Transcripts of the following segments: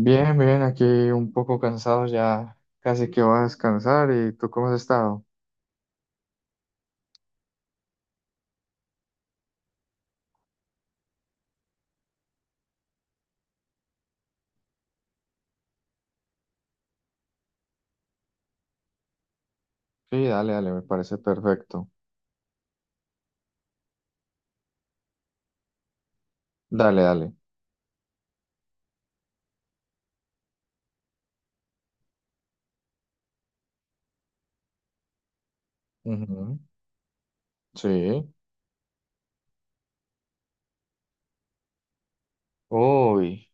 Bien, bien, aquí un poco cansado ya, casi que voy a descansar. ¿Y tú cómo has estado? Sí, dale, dale, me parece perfecto. Dale, dale. Ujú, sí. Uy.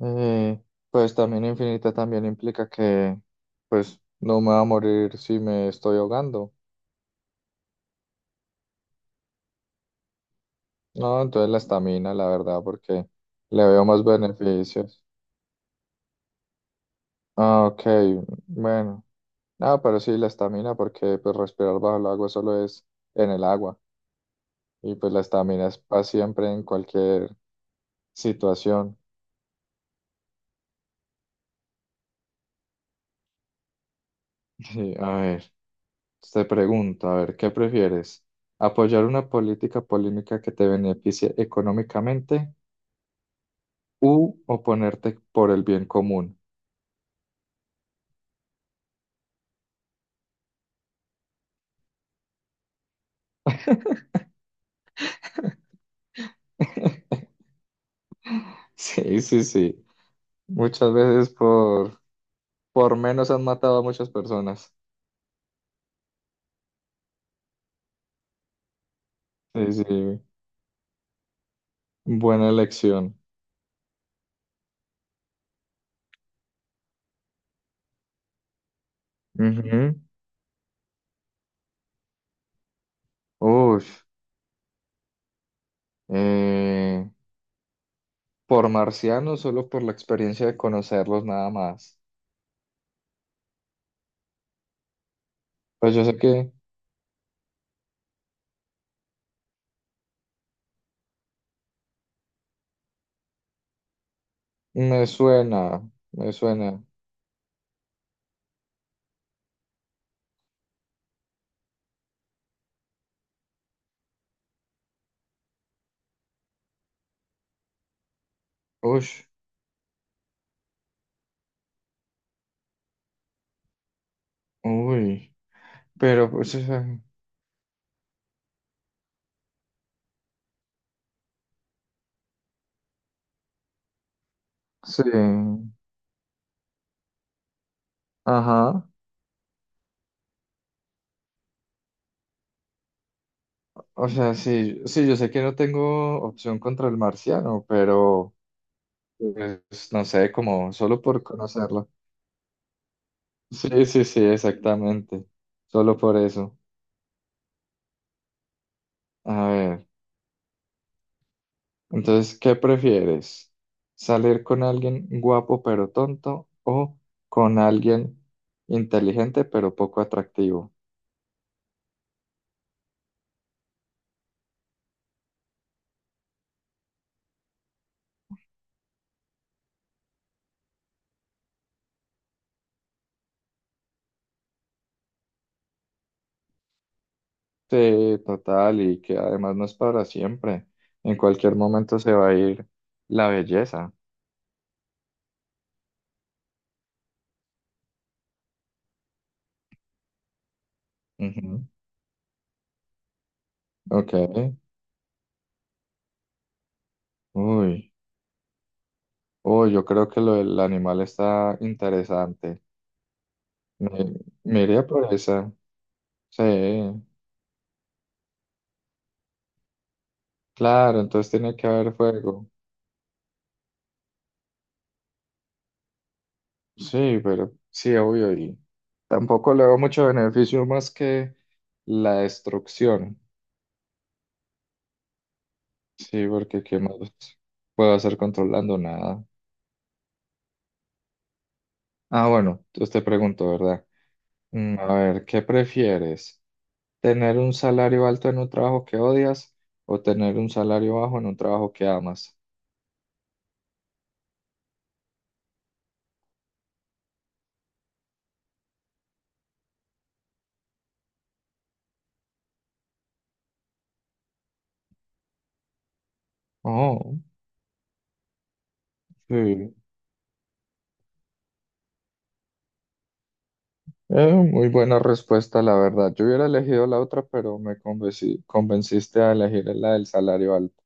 eh, pues también infinita también implica que, pues, no me va a morir si me estoy ahogando. No, entonces la estamina, la verdad, porque le veo más beneficios. Ah, ok, bueno. Ah, pero sí, la estamina, porque pues respirar bajo el agua solo es en el agua. Y pues la estamina es para siempre en cualquier situación. Y, a ver, te pregunto, a ver, ¿qué prefieres? ¿Apoyar una política polémica que te beneficie económicamente u oponerte por el bien común? Sí, sí, sí. Muchas veces por, menos han matado a muchas personas. Sí, sí. Buena elección. Ujú. Ush. Eh, por marcianos, solo por la experiencia de conocerlos, nada más. Pues yo sé que me suena, me suena. Uy, uy. Pero pues, o sea, sí. Ajá. O sea, sí, sí, yo sé que no tengo opción contra el marciano, pero pues, no sé, como solo por conocerlo. Sí, sí, sí, exactamente. Solo por eso. A ver. Entonces, ¿qué prefieres? ¿Salir con alguien guapo pero tonto o con alguien inteligente pero poco atractivo? Sí, total, y que además no es para siempre. En cualquier momento se va a ir la belleza. Ujú, ok. Uy. Uy, yo creo que lo del animal está interesante. Me, me iría por esa. Sí. Claro, entonces tiene que haber fuego. Sí, pero sí, obvio. Y tampoco le veo mucho beneficio más que la destrucción. Sí, porque ¿qué más puedo hacer controlando nada? Ah, bueno, entonces te pregunto, ¿verdad? A ver, ¿qué prefieres? ¿Tener un salario alto en un trabajo que odias o tener un salario bajo en un trabajo que amas? Oh, sí. Muy buena respuesta, la verdad. Yo hubiera elegido la otra, pero convenciste a elegir la del salario alto.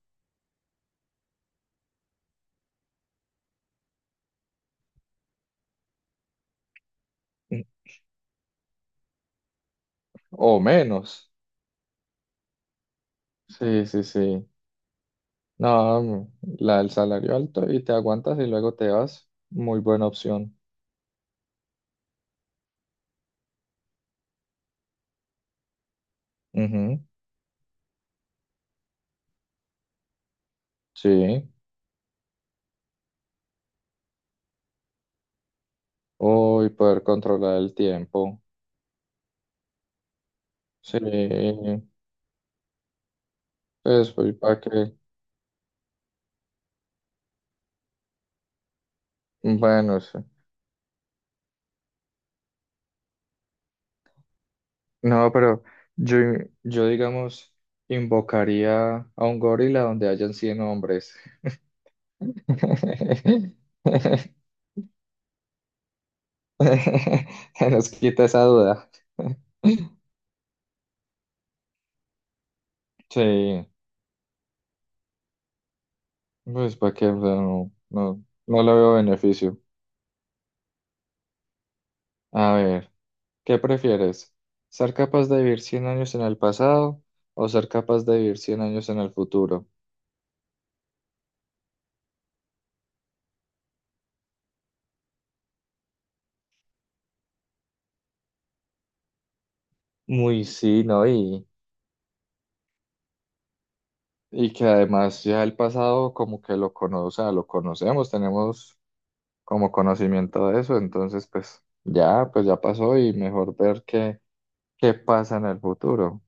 O menos. Sí, sí, sí. No, la del salario alto y te aguantas y luego te vas. Muy buena opción. Ujú, sí. O y poder controlar el tiempo. Sí. Eso, ¿y para qué? Bueno, sí. No, pero yo, yo digamos, invocaría a un gorila donde hayan 100 hombres. Nos quita esa duda. Sí, pues para qué, o sea, no, no, no le veo beneficio. A ver, ¿qué prefieres? ¿Ser capaz de vivir 100 años en el pasado o ser capaz de vivir 100 años en el futuro? Muy sí, ¿no? Y y que además ya el pasado como que o sea, lo conocemos, tenemos como conocimiento de eso, entonces pues ya pasó y mejor ver qué, pasa en el futuro.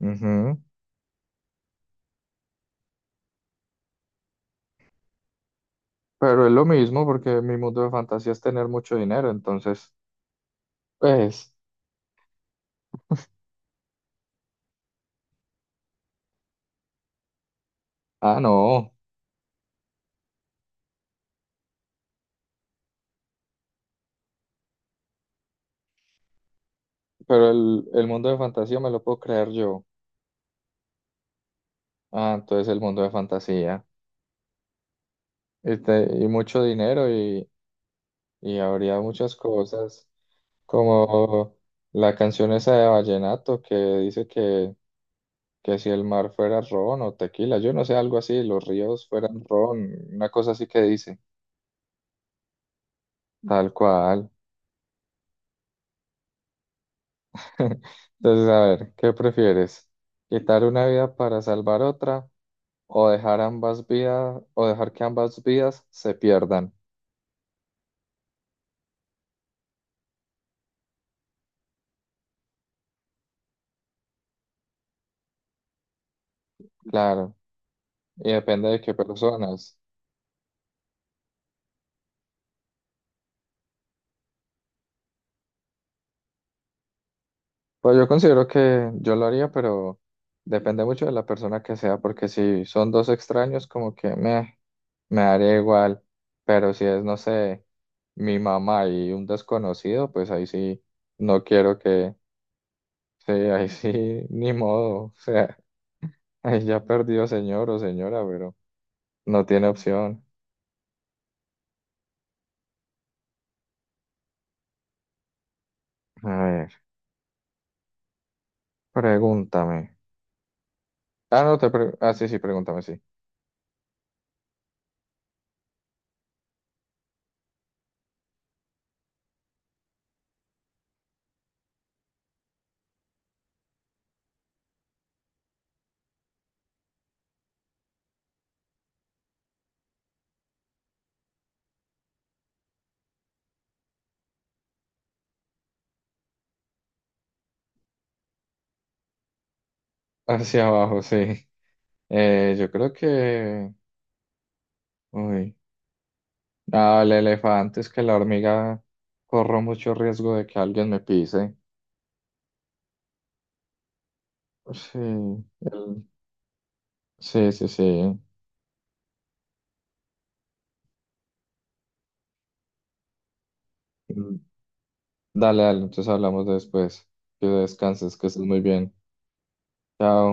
Ujú. Pero es lo mismo porque mi mundo de fantasía es tener mucho dinero, entonces pues, ah, no, pero el mundo de fantasía me lo puedo crear yo. Ah, entonces el mundo de fantasía. Y mucho dinero y, habría muchas cosas. Como la canción esa de Vallenato que dice que si el mar fuera ron o tequila, yo no sé, algo así, los ríos fueran ron, una cosa así que dice, tal cual. Entonces, a ver, ¿qué prefieres? ¿Quitar una vida para salvar otra o dejar ambas vidas o dejar que ambas vidas se pierdan? Claro, y depende de qué personas. Pues yo considero que yo lo haría, pero depende mucho de la persona que sea, porque si son dos extraños, como que meh. Me daría igual, pero si es, no sé, mi mamá y un desconocido, pues ahí sí, no quiero que, sí, ahí sí, ni modo, o sea, ahí ya perdió señor o señora, pero no tiene opción. A ver, pregúntame. Ah, no, ah, sí, sí, pregúntame, sí. Hacia abajo, sí. Yo creo que, uy, ah, el elefante es que la hormiga corro mucho riesgo de que alguien me pise. Sí, sí, sí, sí. Dale, dale, entonces hablamos después. Que descanses, que estés muy bien. Chao.